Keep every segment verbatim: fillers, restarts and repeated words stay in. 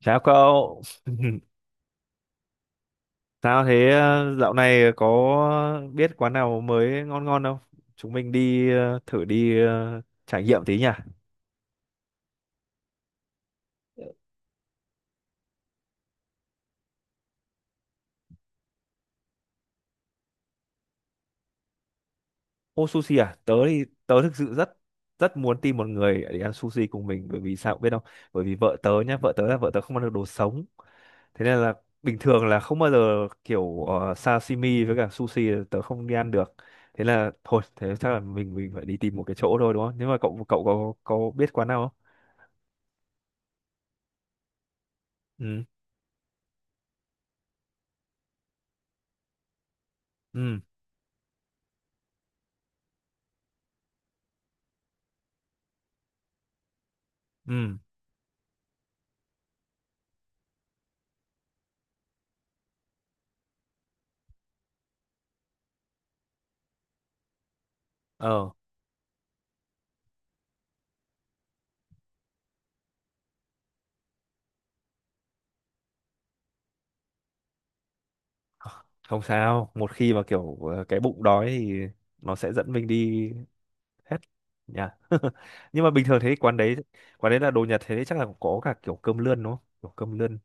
Chào cậu, sao thế ờ, dạo này có biết quán nào mới ngon ngon không? Chúng mình đi ờ, thử đi ờ, trải nghiệm tí nhỉ. Ô sushi à? Tớ thì tớ thực sự rất rất muốn tìm một người để ăn sushi cùng mình bởi vì sao cũng biết không? Bởi vì vợ tớ nhá, vợ tớ là vợ tớ không ăn được đồ sống. Thế nên là bình thường là không bao giờ kiểu ờ, sashimi với cả sushi là tớ không đi ăn được. Thế là thôi, thế chắc là mình mình phải đi tìm một cái chỗ thôi đúng không? Nếu mà cậu cậu có có biết quán nào không? Ừ. Ừ. Ừ. Ờ, không sao. Một khi mà kiểu ờ, cái bụng đói thì nó sẽ dẫn mình đi hết nha. Nhưng mà bình thường thế quán đấy, quán đấy là đồ Nhật thế đấy chắc là có cả kiểu cơm lươn đúng không? Kiểu cơm lươn.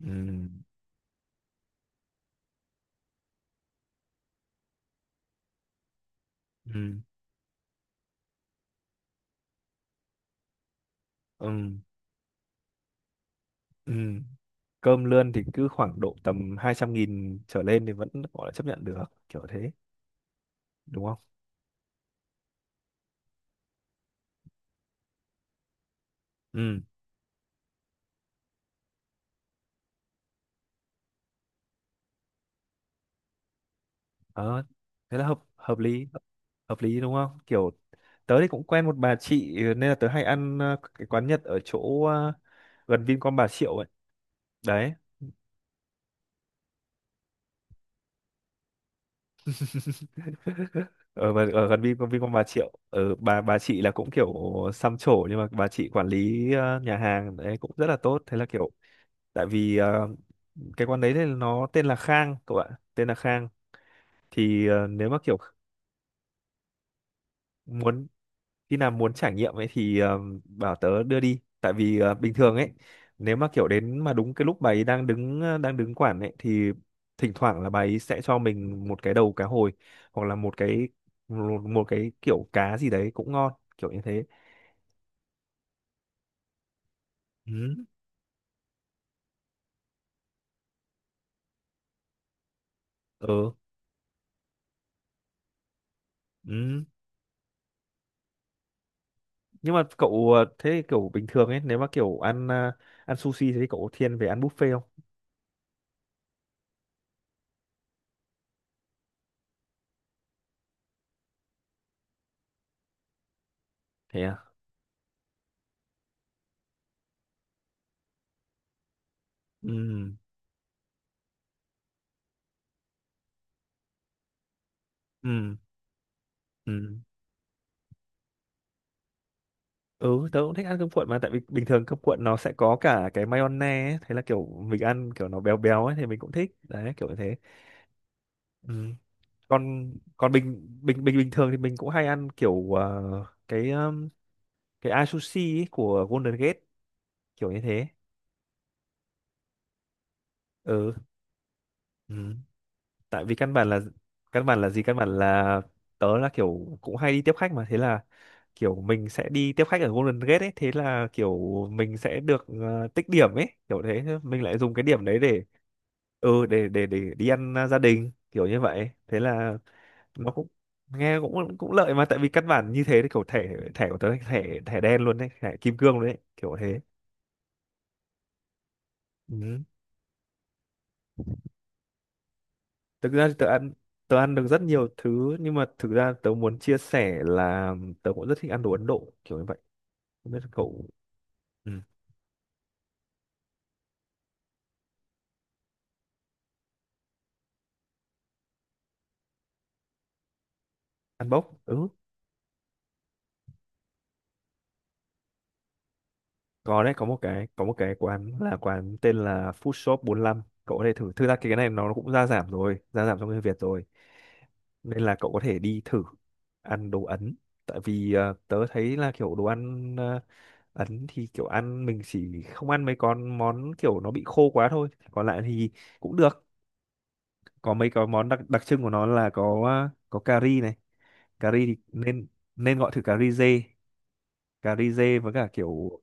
Ừ, ừ, ừ, ừ. Cơm lươn thì cứ khoảng độ tầm hai trăm nghìn trở lên thì vẫn gọi là chấp nhận được, kiểu thế, đúng không? Ừ, ờ, thế là hợp hợp lý, hợp lý đúng không? Kiểu tớ thì cũng quen một bà chị ừ, nên là tớ hay ăn ờ, cái quán Nhật ở chỗ ờ, gần Vincom Bà Triệu ấy đấy. Ở, gần- ở gần Vincom Vincom Bà Triệu, ở bà bà chị là cũng kiểu xăm trổ nhưng mà bà chị quản lý ờ, nhà hàng đấy cũng rất là tốt, thế là kiểu tại vì ờ, cái quán đấy thì nó tên là Khang cậu ạ, tên là Khang. Thì ờ, nếu mà kiểu muốn khi nào muốn trải nghiệm ấy thì ờ, bảo tớ đưa đi, tại vì ờ, bình thường ấy nếu mà kiểu đến mà đúng cái lúc bà ấy đang đứng ờ, đang đứng quản ấy thì thỉnh thoảng là bà ấy sẽ cho mình một cái đầu cá hồi hoặc là một cái một, một cái kiểu cá gì đấy cũng ngon kiểu như thế. Ừ ừ ừ. Nhưng mà cậu ờ, thế thì kiểu bình thường ấy nếu mà kiểu ăn ờ, ăn sushi thế thì cậu có thiên về ăn buffet không? Thế à. Ừ ừ ừ. Ừ, tớ cũng thích ăn cơm cuộn mà tại vì bình thường cơm cuộn nó sẽ có cả cái mayonnaise ấy, thế là kiểu mình ăn kiểu nó béo béo ấy thì mình cũng thích. Đấy, kiểu như thế. Ừ. Còn còn bình bình bình bình thường thì mình cũng hay ăn kiểu ờ, cái um, cái ai sushi ấy của Golden Gate kiểu như thế. Ừ. Ừ. Tại vì căn bản là căn bản là gì, căn bản là tớ là kiểu cũng hay đi tiếp khách, mà thế là kiểu mình sẽ đi tiếp khách ở Golden Gate ấy, thế là kiểu mình sẽ được ờ, tích điểm ấy kiểu thế. Thế mình lại dùng cái điểm đấy để ừ để để để đi ăn, à, gia đình kiểu như vậy, thế là nó cũng nghe cũng cũng lợi mà, tại vì căn bản như thế thì kiểu thẻ thẻ của tớ là thẻ thẻ đen luôn đấy, thẻ kim cương luôn đấy kiểu thế. Ừ. Thực ra thì tớ ăn tớ ăn được rất nhiều thứ nhưng mà thực ra tớ muốn chia sẻ là tớ cũng rất thích ăn đồ Ấn Độ kiểu như vậy, không biết là cậu. Ừ. Ăn bốc, ừ. Có đấy, có một cái có một cái quán là quán tên là Food Shop bốn lăm, cậu có thể thử. Thực ra cái cái này nó cũng gia giảm rồi, gia giảm trong người Việt rồi nên là cậu có thể đi thử ăn đồ Ấn, tại vì ờ, tớ thấy là kiểu đồ ăn ờ, Ấn thì kiểu ăn mình chỉ không ăn mấy con món kiểu nó bị khô quá thôi, còn lại thì cũng được. Có mấy cái món đặc đặc trưng của nó là có à, có cà ri này, cà ri thì nên nên gọi thử cà ri dê, cà ri dê với cả kiểu.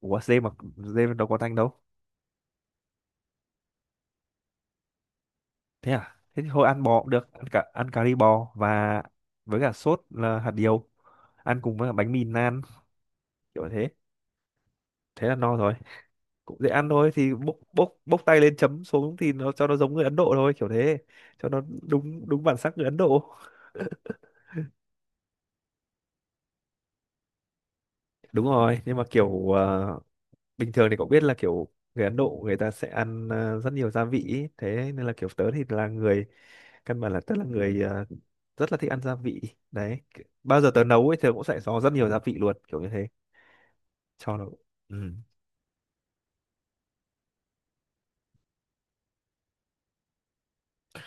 Ủa dê mà, dê đâu có tanh đâu. Thế à, thế thì thôi ăn bò cũng được, ăn cả ăn cà ri bò và với cả sốt là hạt điều, ăn cùng với cả bánh mì nan kiểu thế, thế là no rồi. Cũng dễ ăn thôi thì bốc bốc bốc tay lên chấm xuống thì nó cho nó giống người Ấn Độ thôi kiểu thế, cho nó đúng đúng bản sắc người Ấn Độ. Đúng rồi nhưng mà kiểu ờ, bình thường thì cậu biết là kiểu người Ấn Độ người ta sẽ ăn ờ, rất nhiều gia vị ý. Thế nên là kiểu tớ thì là người, căn bản là tớ là người ờ, rất là thích ăn gia vị đấy, bao giờ tớ nấu ấy tớ cũng sẽ có rất nhiều gia vị luôn kiểu như thế, cho nó. Ừ.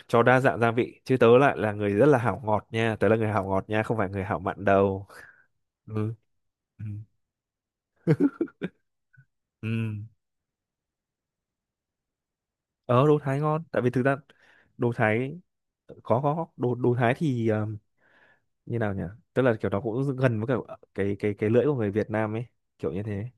Cho đa dạng gia vị chứ, tớ lại là người rất là hảo ngọt nha, tớ là người hảo ngọt nha, không phải người hảo mặn đâu. Ừ. Ừ. Ừ. Ờ, đồ Thái ngon tại vì thực ra đồ Thái, có có đồ đồ Thái thì ờ, như nào nhỉ, tức là kiểu nó cũng gần với cả ờ, cái cái cái lưỡi của người Việt Nam ấy kiểu như thế.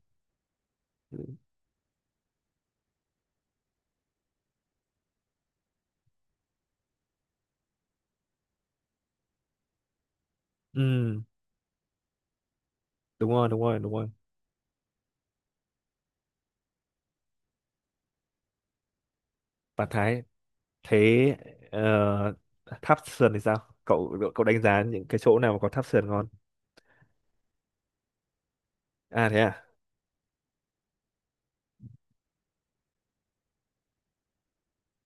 Ừ đúng rồi đúng rồi đúng rồi. Bản Thái. Thế ờ, tháp sườn thì sao, cậu cậu đánh giá những cái chỗ nào mà có tháp sườn ngon? À thế à.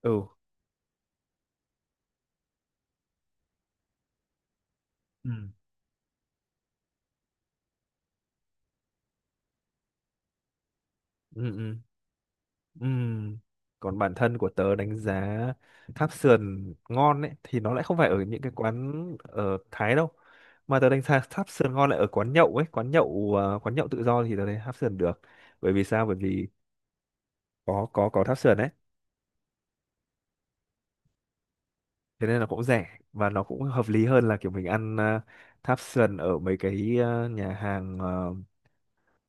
Ừ. Ừ. Ừ ừ ừ. Còn bản thân của tớ đánh giá tháp sườn ngon ấy thì nó lại không phải ở những cái quán ở Thái đâu, mà tớ đánh giá tháp sườn ngon lại ở quán nhậu ấy, quán nhậu ờ, quán nhậu tự do thì tớ thấy tháp sườn được, bởi vì sao, bởi vì có có có tháp sườn đấy, thế nên là cũng rẻ và nó cũng hợp lý hơn là kiểu mình ăn ờ, tháp sườn ở mấy cái ờ, nhà hàng ờ,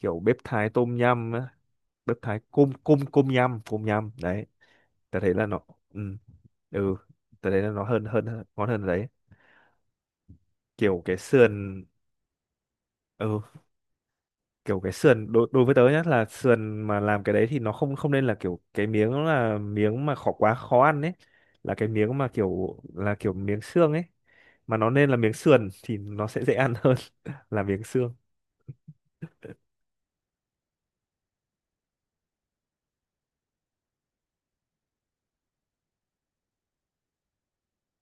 kiểu bếp Thái tôm nhum á. Bếp Thái cung cung cung nhum cung nhum đấy, ta thấy là nó. Ừ ừ. Ta thấy là nó hơn hơn hơn- ngon hơn ở đấy, kiểu cái sườn. Ừ. Kiểu cái sườn đối đối với tớ nhá là sườn mà làm cái đấy thì nó không không nên, là kiểu cái miếng nó là miếng mà khó quá khó ăn ấy, là cái miếng mà kiểu là kiểu miếng xương ấy, mà nó nên là miếng sườn thì nó sẽ dễ ăn hơn. Là miếng xương.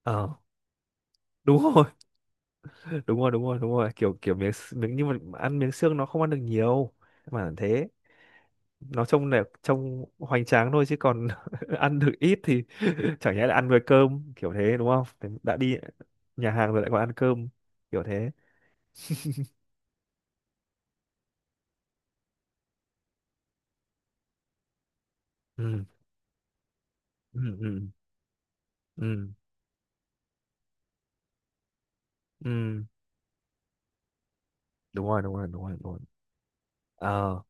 Ờ đúng rồi. Đúng rồi đúng rồi đúng rồi, kiểu kiểu miếng s- miếng, nhưng mà ăn miếng xương nó không ăn được nhiều mà thế, nó trông đẹp trông hoành tráng thôi chứ còn ăn được ít thì chẳng nhẽ là ăn với cơm kiểu thế đúng không? Thế đã đi nhà hàng rồi lại còn ăn cơm kiểu thế. Ừ. Ừ ừ ừ ừ. Đúng rồi đúng rồi đúng rồi đúng rồi. Ờ.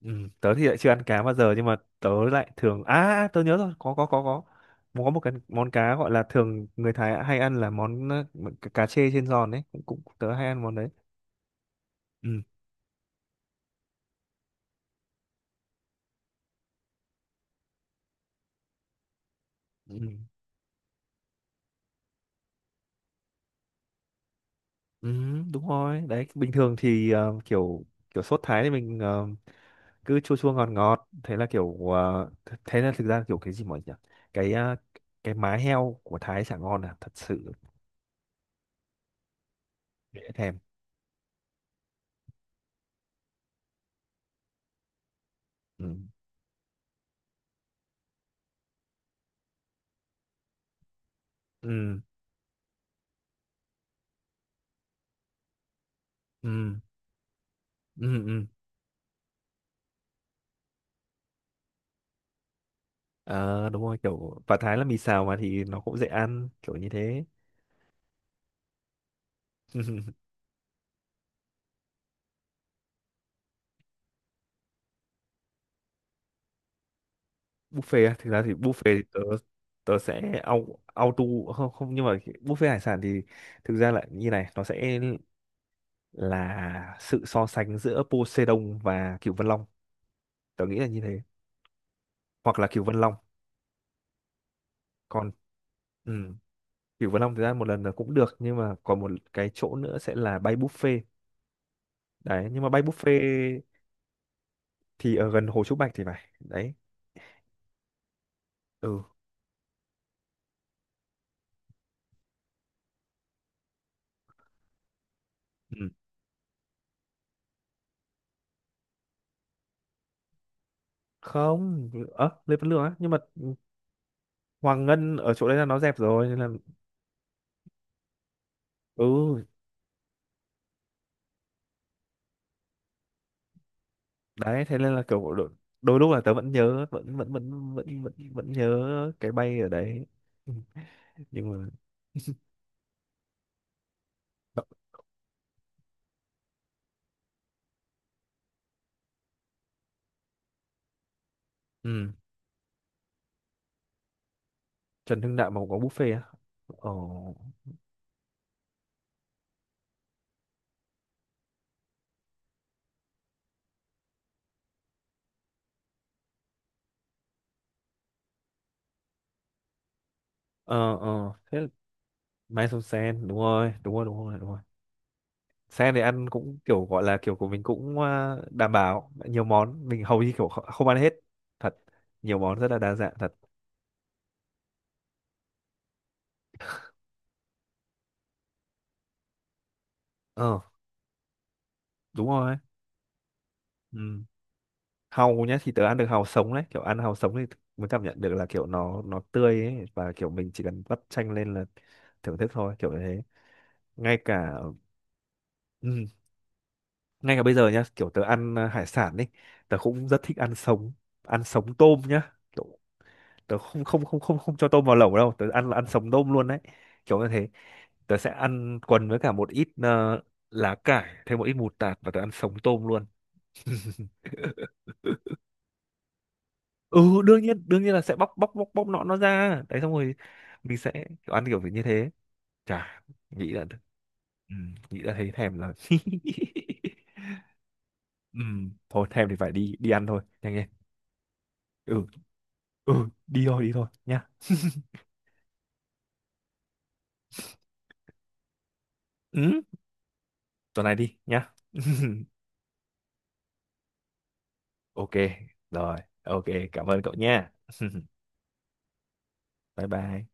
Ừ. Tớ thì lại chưa ăn cá bao giờ nhưng mà tớ lại thường à, à, tớ nhớ rồi, có có có có mà có một cái món cá gọi là thường người Thái hay ăn là món ờ, cá cá chê trên giòn đấy cũng, cũng tớ hay ăn món đấy. Ừ ừ ừ. Đúng rồi đấy, bình thường thì ờ, kiểu kiểu sốt Thái thì mình ờ, cứ chua chua ngọt ngọt, thế là kiểu ờ, th- thế là thực ra kiểu cái gì mọi nhỉ, cái ờ, cái má heo của Thái chả ngon à thật sự. Dễ thèm. Ừ. Ừ ừ ừ ừ. Ờ, đúng rồi, kiểu và Thái là mì xào mà thì nó cũng dễ ăn kiểu như thế. Buffet á, thực ra thì buffet thì tớ tớ sẽ au- auto không không, nhưng mà buffet hải sản thì thực ra là như này, nó sẽ là sự so sánh giữa Poseidon và Cửu Vân Long, tớ nghĩ là như thế, hoặc là Cửu Vân Long. Còn ừ, Cửu Vân Long thực ra một lần là cũng được nhưng mà còn một cái chỗ nữa sẽ là bay buffet đấy, nhưng mà bay buffet thì ở gần Hồ Trúc Bạch thì phải đấy. Ừ. Ừ. Không, ờ Lê Văn Lương á, nhưng mà Hoàng Ngân ở chỗ đấy là nó dẹp rồi nên là. Ừ đấy, thế nên là kiểu đôi, đôi lúc là tớ vẫn nhớ, vẫn vẫn vẫn vẫn vẫn vẫn nhớ cái bay ở đấy. Ừ, nhưng mà. Ừ. Trần Hưng Đạo mà cũng có buffet á? Ồ. Ờ ờ thế là Mai Sông Sen đúng rồi đúng rồi đúng rồi đúng rồi. Sen thì ăn cũng kiểu gọi là kiểu của mình cũng ờ, đảm bảo nhiều món, mình hầu như kiểu kh- không ăn hết thật, nhiều món rất là đa dạng thật. Ờ đúng rồi. Ừ. Hàu nhá thì tớ ăn được hàu sống đấy, kiểu ăn hàu sống thì mới cảm nhận được là kiểu nó nó tươi ấy, và kiểu mình chỉ cần vắt chanh lên là thưởng thức thôi kiểu như thế, ngay cả. Ừ, ngay cả bây giờ nhá, kiểu tớ ăn ờ, hải sản đi, tớ cũng rất thích ăn sống, ăn sống tôm nhá, kiểu tớ không không không không không cho tôm vào lẩu đâu, tớ ăn là ăn sống tôm luôn đấy kiểu như thế. Tớ sẽ ăn quần với cả một ít ờ, lá cải, thêm một ít mù tạt, và tớ ăn sống tôm luôn. Ừ, đương nhiên đương nhiên là sẽ bóc bóc bóc bóc nọ nó ra đấy, xong rồi mình sẽ kiểu ăn kiểu như thế. Chả nghĩ là. Ừ, nghĩ là thấy thèm rồi. Ừ, thôi thèm thì phải đi đi ăn thôi, nhanh lên. Ừ. Ừ đi thôi đi thôi nhá. Ừ tuần này đi nhá. Ok, rồi ok, cảm ơn cậu nha. Bye bye.